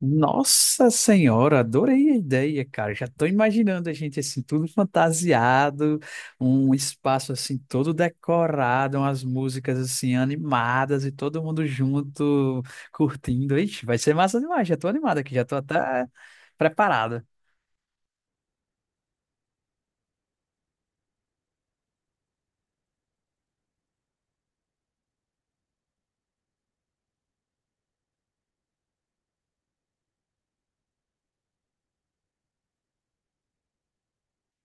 Nossa Senhora, adorei a ideia, cara. Já estou imaginando a gente assim, tudo fantasiado, um espaço assim todo decorado, umas músicas assim animadas e todo mundo junto curtindo. Ixi, vai ser massa demais. Já estou animado aqui, já estou até preparado.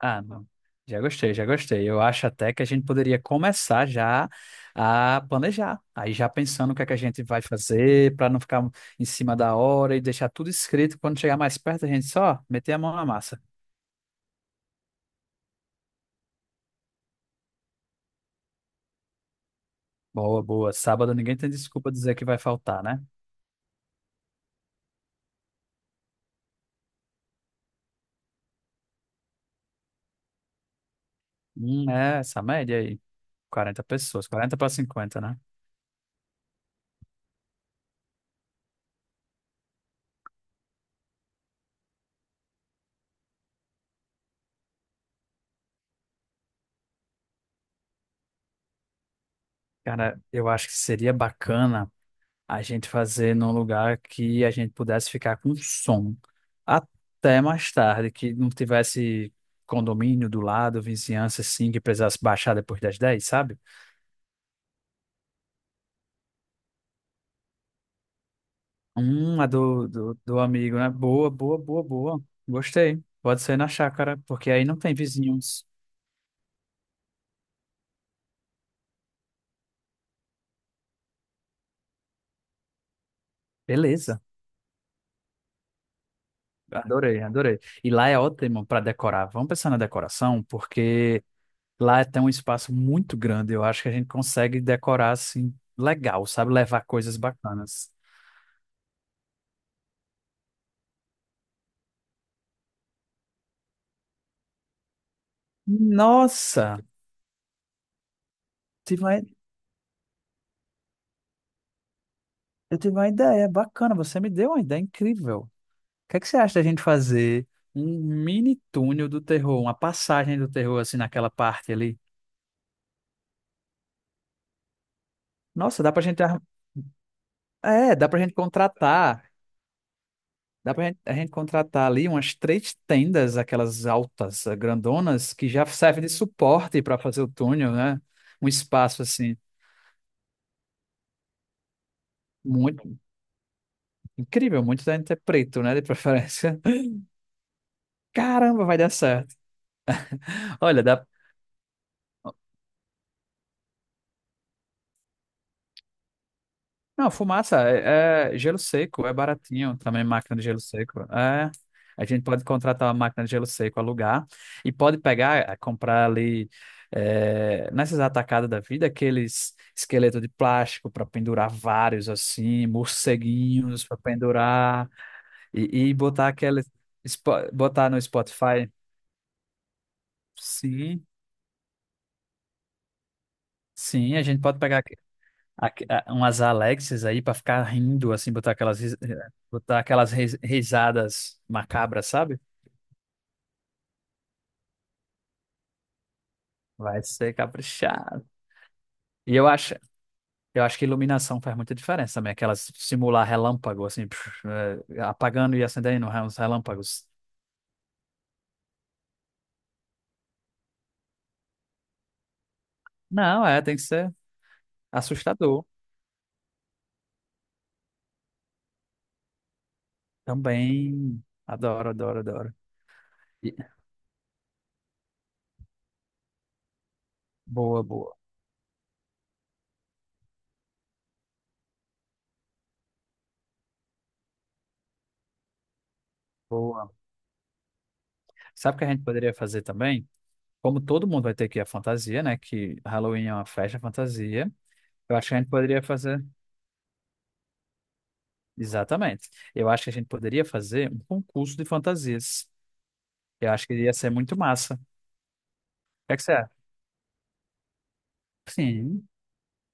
Ah, não. Já gostei, já gostei. Eu acho até que a gente poderia começar já a planejar. Aí já pensando o que é que a gente vai fazer para não ficar em cima da hora e deixar tudo escrito. Quando chegar mais perto, a gente só meter a mão na massa. Boa, boa. Sábado ninguém tem desculpa dizer que vai faltar, né? É essa média aí. 40 pessoas, 40 para 50, né? Cara, eu acho que seria bacana a gente fazer num lugar que a gente pudesse ficar com som até mais tarde, que não tivesse condomínio do lado, vizinhança assim, que precisasse baixar depois das 10, sabe? A do amigo, né? Boa, boa, boa, boa. Gostei. Pode ser na chácara, porque aí não tem vizinhos. Beleza. Adorei, adorei. E lá é ótimo para decorar. Vamos pensar na decoração, porque lá tem um espaço muito grande. Eu acho que a gente consegue decorar assim, legal, sabe? Levar coisas bacanas. Nossa, tive uma- eu tive uma ideia bacana, você me deu uma ideia incrível. O que é que você acha da gente fazer um mini túnel do terror, uma passagem do terror assim naquela parte ali? Nossa, dá pra gente, é, dá pra gente contratar, a gente contratar ali umas 3 tendas, aquelas altas, grandonas, que já servem de suporte para fazer o túnel, né? Um espaço assim. Muito incrível, muito da gente é preto, né? De preferência. Caramba, vai dar certo. Olha, dá. Não, fumaça é, é gelo seco, é baratinho também, máquina de gelo seco. É, a gente pode contratar uma máquina de gelo seco, alugar, e pode pegar, é, comprar ali, é, nessas atacadas da vida, aqueles esqueletos de plástico para pendurar, vários, assim, morceguinhos para pendurar, e botar aqueles. Botar no Spotify. Sim. Sim, a gente pode pegar umas Alexas aí pra ficar rindo, assim, botar aquelas, botar aquelas risadas macabras, sabe? Vai ser caprichado. E eu acho, eu acho que iluminação faz muita diferença também, aquelas simular relâmpago, assim, é, apagando e acendendo uns relâmpagos. Não, é, tem que ser assustador. Também, adoro, adoro, adoro. E- Boa, boa, boa. Sabe o que a gente poderia fazer também? Como todo mundo vai ter que ir à fantasia, né? Que Halloween é uma festa fantasia. Eu acho que a gente poderia fazer. Exatamente. Eu acho que a gente poderia fazer um concurso de fantasias. Eu acho que ia ser muito massa. O que é que você acha? Sim,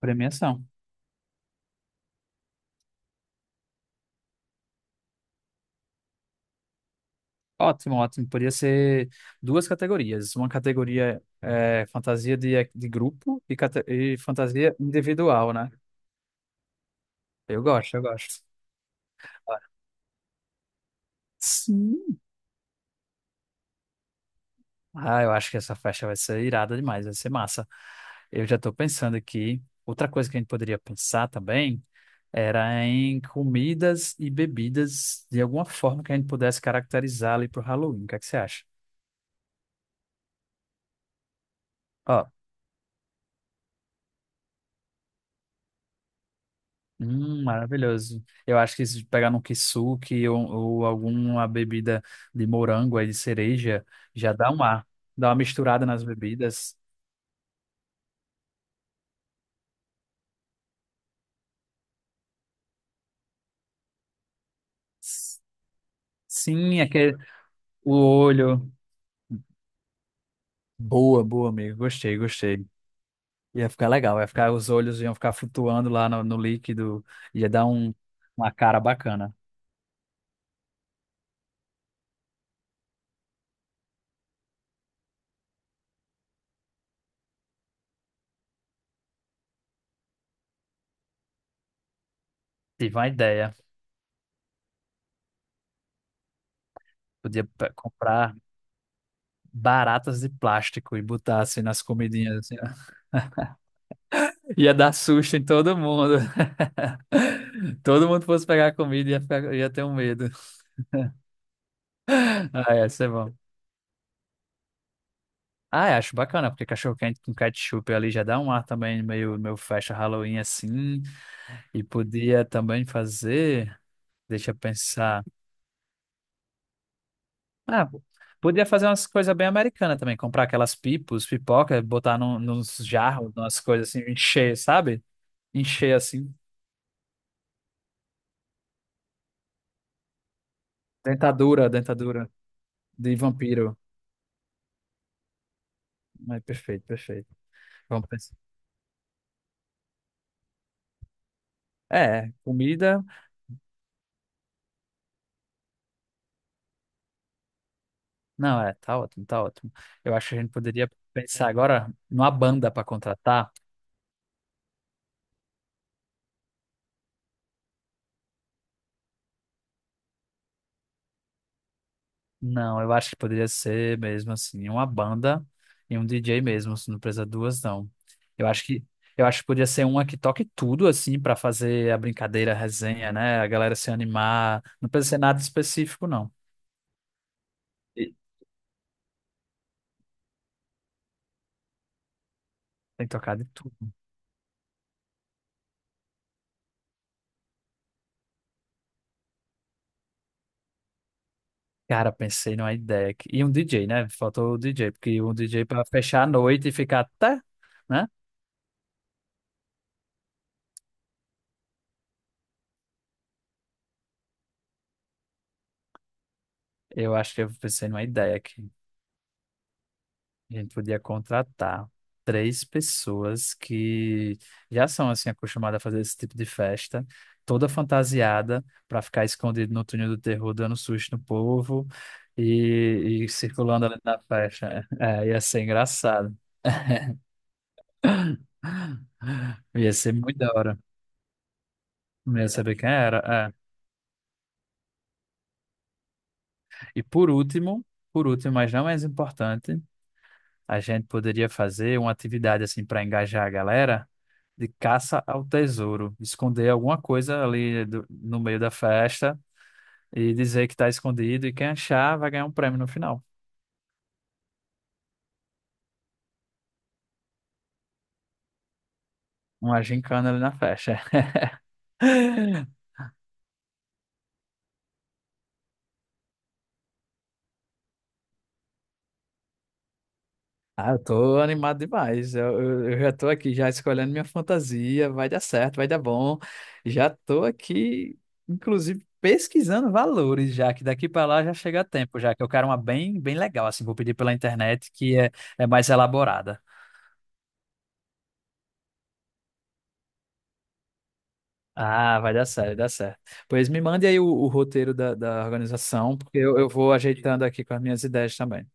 premiação. Ótimo, ótimo. Podia ser duas categorias. Uma categoria é fantasia de grupo e, e fantasia individual, né? Eu gosto, eu gosto. Sim. Ah, eu acho que essa festa vai ser irada demais, vai ser massa. Eu já estou pensando aqui. Outra coisa que a gente poderia pensar também. Era em comidas e bebidas, de alguma forma que a gente pudesse caracterizar ali pro Halloween. O que é que você acha? Ó, maravilhoso. Eu acho que se pegar num kisuke ou alguma bebida de morango aí, de cereja, já dá um ar. Dá uma misturada nas bebidas. S- Sim, aquele, o olho. Boa, boa, amigo. Gostei, gostei. Ia ficar legal. Ia ficar, os olhos iam ficar flutuando lá no, no líquido. Ia dar um, uma cara bacana. Tive uma ideia. Comprar baratas de plástico e botar assim nas comidinhas. Assim, ó. Ia dar susto em todo mundo. Todo mundo fosse pegar a comida e ia, ia ter um medo. Ah, ia ser bom. Ah, eu acho bacana, porque cachorro-quente com ketchup ali já dá um ar também meio, meio festa Halloween assim. E podia também fazer. Deixa eu pensar. Ah, podia fazer umas coisas bem americanas também. Comprar aquelas pipos, pipoca, botar nos jarros, umas coisas assim, encher, sabe? Encher assim. Dentadura, dentadura de vampiro. É perfeito, perfeito. Vamos pensar. É, comida. Não, é, tá ótimo, tá ótimo. Eu acho que a gente poderia pensar agora numa banda para contratar. Não, eu acho que poderia ser mesmo assim, uma banda e um DJ mesmo, se não precisa duas, não. Eu acho que eu acho que podia ser uma que toque tudo assim para fazer a brincadeira, a resenha, né? A galera se animar. Não precisa ser nada específico, não. E tem que tocar de tudo. Cara, pensei numa ideia aqui. E um DJ, né? Faltou o DJ, porque um DJ para fechar a noite e ficar até, né? Eu acho que eu pensei numa ideia aqui. A gente podia contratar 3 pessoas que já são assim acostumadas a fazer esse tipo de festa, toda fantasiada, para ficar escondido no túnel do terror, dando susto no povo e circulando ali na festa. É, é, ia ser engraçado. Ia ser muito da hora. Não ia saber quem era. É. E por último, mas não menos importante, a gente poderia fazer uma atividade assim para engajar a galera de caça ao tesouro, esconder alguma coisa ali no meio da festa e dizer que está escondido e quem achar vai ganhar um prêmio no final. Uma gincana ali na festa. Ah, eu tô animado demais. Eu já tô aqui já escolhendo minha fantasia. Vai dar certo, vai dar bom. Já tô aqui, inclusive, pesquisando valores já, que daqui para lá já chega a tempo, já que eu quero uma bem, bem legal, assim, vou pedir pela internet, que é, é mais elaborada. Ah, vai dar certo, vai dar certo. Pois me mande aí o roteiro da organização, porque eu vou ajeitando aqui com as minhas ideias também.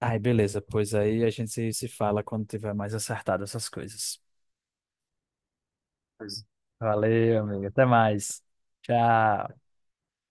Ai, beleza, pois aí a gente se fala quando tiver mais acertado essas coisas. Valeu, amigo. Até mais. Tchau.